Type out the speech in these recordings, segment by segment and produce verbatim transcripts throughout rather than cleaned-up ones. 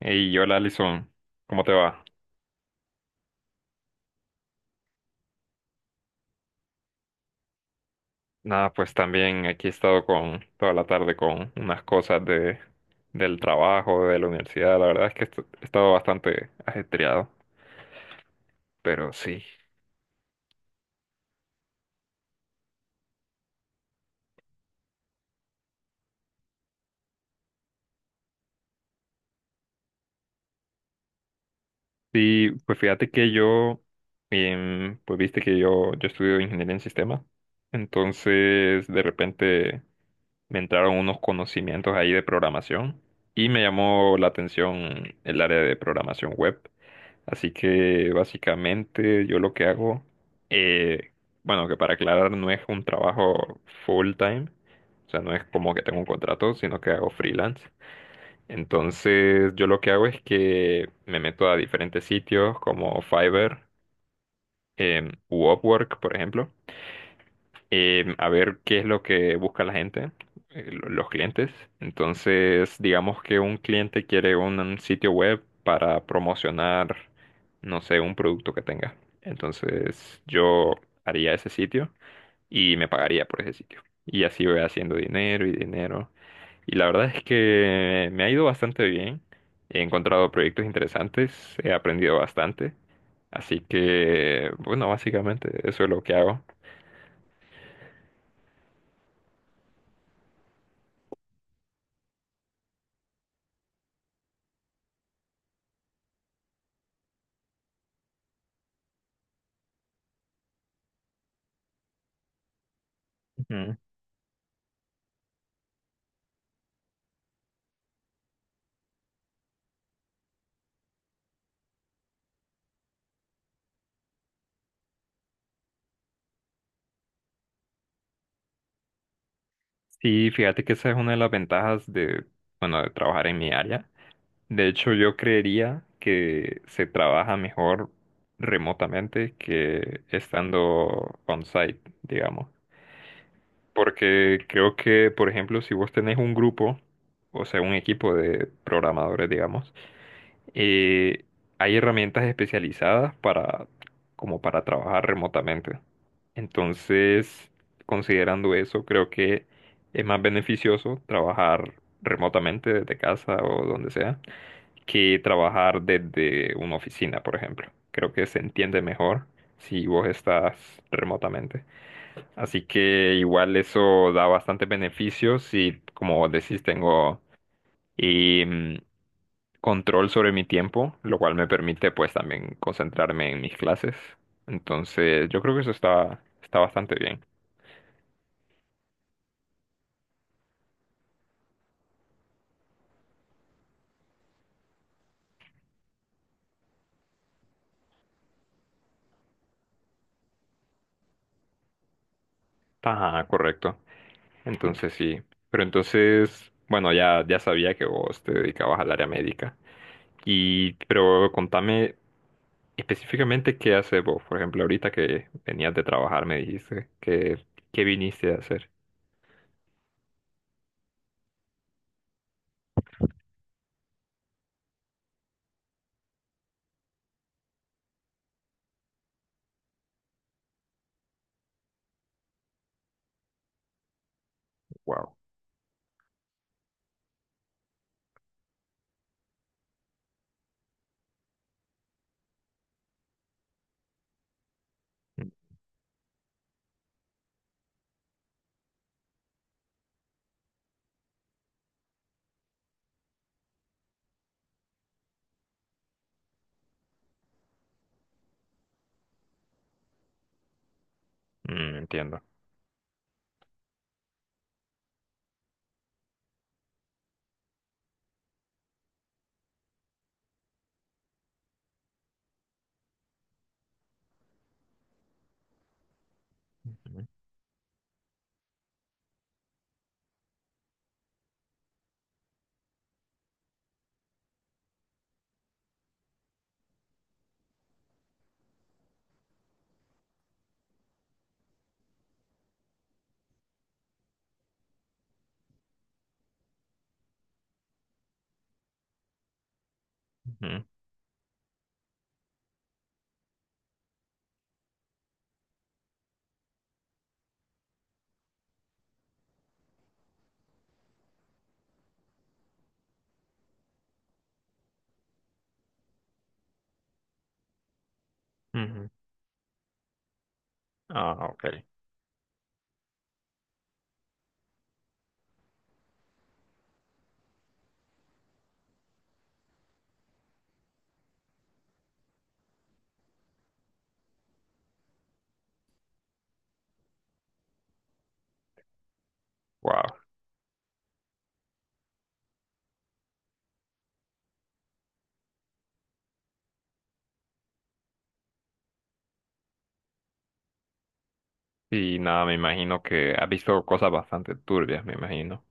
Y hola Alison, ¿cómo te va? Nada, pues también aquí he estado con toda la tarde con unas cosas de del trabajo, de la universidad. La verdad es que est- he estado bastante ajetreado, pero sí. Sí, pues fíjate que yo, em, pues viste que yo, yo estudio ingeniería en sistemas. Entonces, de repente me entraron unos conocimientos ahí de programación y me llamó la atención el área de programación web. Así que básicamente yo lo que hago, eh, bueno, que para aclarar no es un trabajo full time, o sea, no es como que tengo un contrato, sino que hago freelance. Entonces yo lo que hago es que me meto a diferentes sitios como Fiverr, em, u Upwork, por ejemplo eh, a ver qué es lo que busca la gente, eh, lo- los clientes. Entonces, digamos que un cliente quiere un, un sitio web para promocionar, no sé, un producto que tenga. Entonces, yo haría ese sitio y me pagaría por ese sitio. Y así voy haciendo dinero y dinero. Y la verdad es que me ha ido bastante bien. He encontrado proyectos interesantes, he aprendido bastante. Así que, bueno, básicamente eso es lo que hago. Sí, fíjate que esa es una de las ventajas de, bueno, de trabajar en mi área. De hecho, yo creería que se trabaja mejor remotamente que estando on-site, digamos. Porque creo que, por ejemplo, si vos tenés un grupo, o sea, un equipo de programadores, digamos, eh, hay herramientas especializadas para, como para trabajar remotamente. Entonces, considerando eso, creo que es más beneficioso trabajar remotamente desde casa o donde sea que trabajar desde una oficina, por ejemplo. Creo que se entiende mejor si vos estás remotamente. Así que igual eso da bastante beneficio si, como vos decís, tengo... eh, control sobre mi tiempo, lo cual me permite pues también concentrarme en mis clases. Entonces, yo creo que eso está, está bastante bien. Ajá, correcto. Entonces sí. Pero entonces, bueno, ya, ya sabía que vos te dedicabas al área médica. Y, pero contame específicamente qué haces vos. Por ejemplo, ahorita que venías de trabajar, me dijiste que, ¿qué viniste a hacer? Wow. Mm, entiendo. Ujú, ujú. Ah, ok. Wow. Y nada, me imagino que ha visto cosas bastante turbias, me imagino.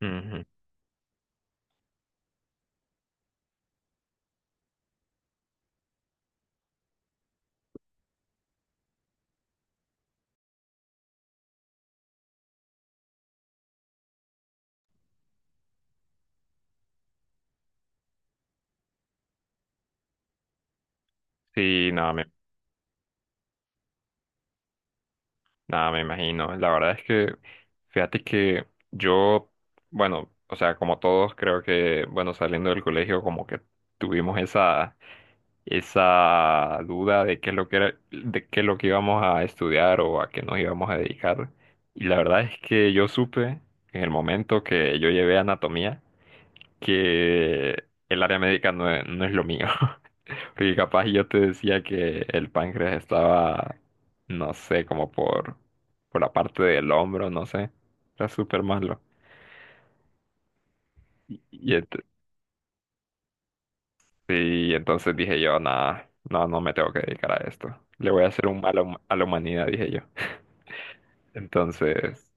Ujú. Sí, nada, me Nada, me imagino. La verdad es que, fíjate que yo, bueno, o sea, como todos, creo que, bueno, saliendo del colegio, como que tuvimos esa, esa duda de qué es lo que era, de qué es lo que íbamos a estudiar o a qué nos íbamos a dedicar. Y la verdad es que yo supe en el momento que yo llevé anatomía que el área médica no es, no es lo mío. Porque capaz yo te decía que el páncreas estaba no sé, como por, por la parte del hombro, no sé. Era súper malo. Y, y ent- y entonces dije yo, nada, no, no me tengo que dedicar a esto. Le voy a hacer un mal a hum- a la humanidad, dije yo. Entonces,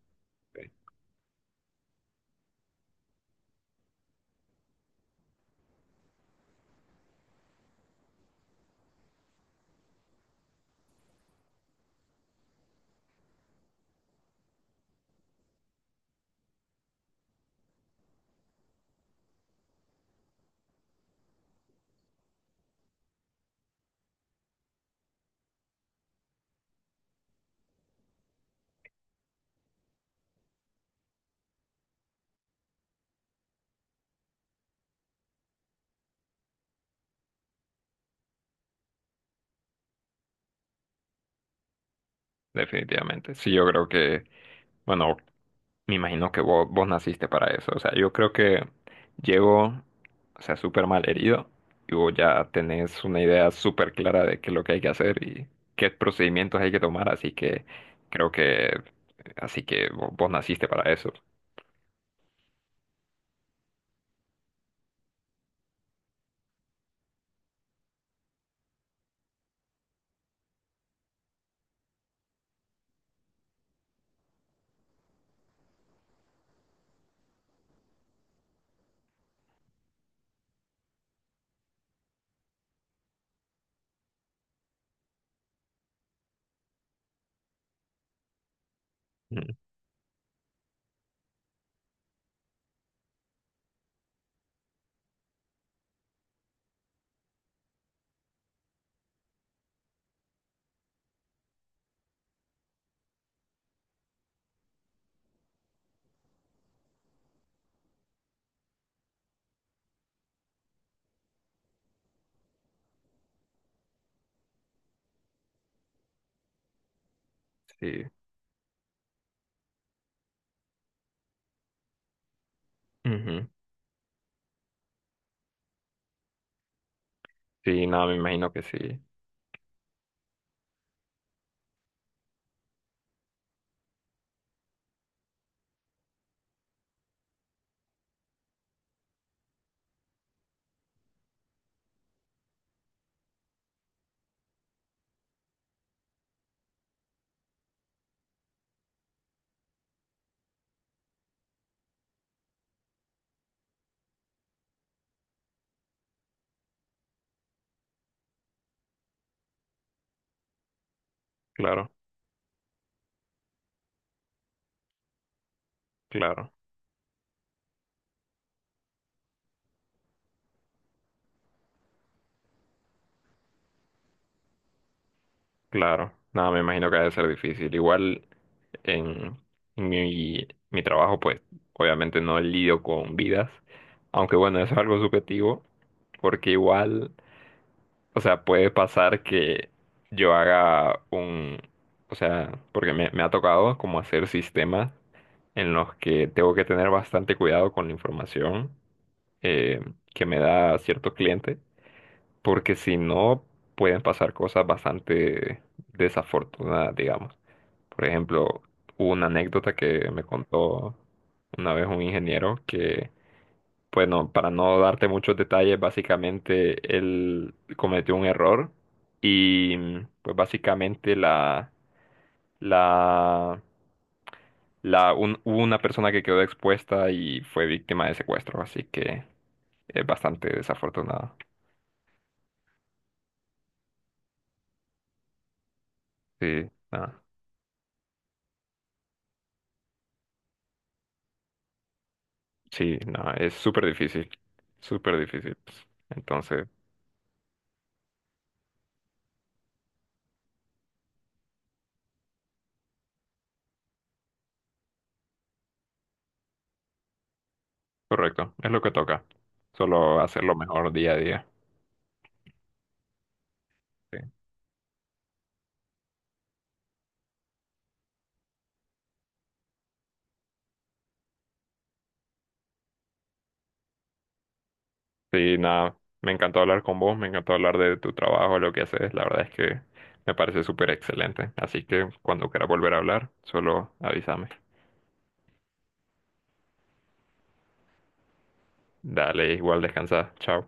definitivamente. Sí, yo creo que, bueno, me imagino que vos, vos naciste para eso. O sea, yo creo que llego, o sea, súper mal herido y vos ya tenés una idea súper clara de qué es lo que hay que hacer y qué procedimientos hay que tomar. Así que creo que, así que vos, vos naciste para eso. Mm, sí. Ujú. Sí, no, me imagino que sí. Claro, claro. Claro, nada, me imagino que ha de ser difícil. Igual en, en mi, mi trabajo, pues obviamente no lidio con vidas, aunque bueno, eso es algo subjetivo, porque igual, o sea, puede pasar que yo haga un, o sea, porque me, me ha tocado como hacer sistemas en los que tengo que tener bastante cuidado con la información eh, que me da cierto cliente porque si no, pueden pasar cosas bastante desafortunadas, digamos. Por ejemplo, hubo una anécdota que me contó una vez un ingeniero que, bueno, para no darte muchos detalles, básicamente él cometió un error y mm, pues básicamente la, la, la, un- hubo una persona que quedó expuesta y fue víctima de secuestro, así que es bastante desafortunado. Sí, nada. Sí, no, es súper difícil, súper difícil. Pues. Entonces, correcto, es lo que toca. Solo hacerlo mejor día a día. Sí, sí, nada, me encantó hablar con vos, me encantó hablar de tu trabajo, lo que haces. La verdad es que me parece súper excelente. Así que cuando quieras volver a hablar, solo avísame. Dale, igual descansa. Chao.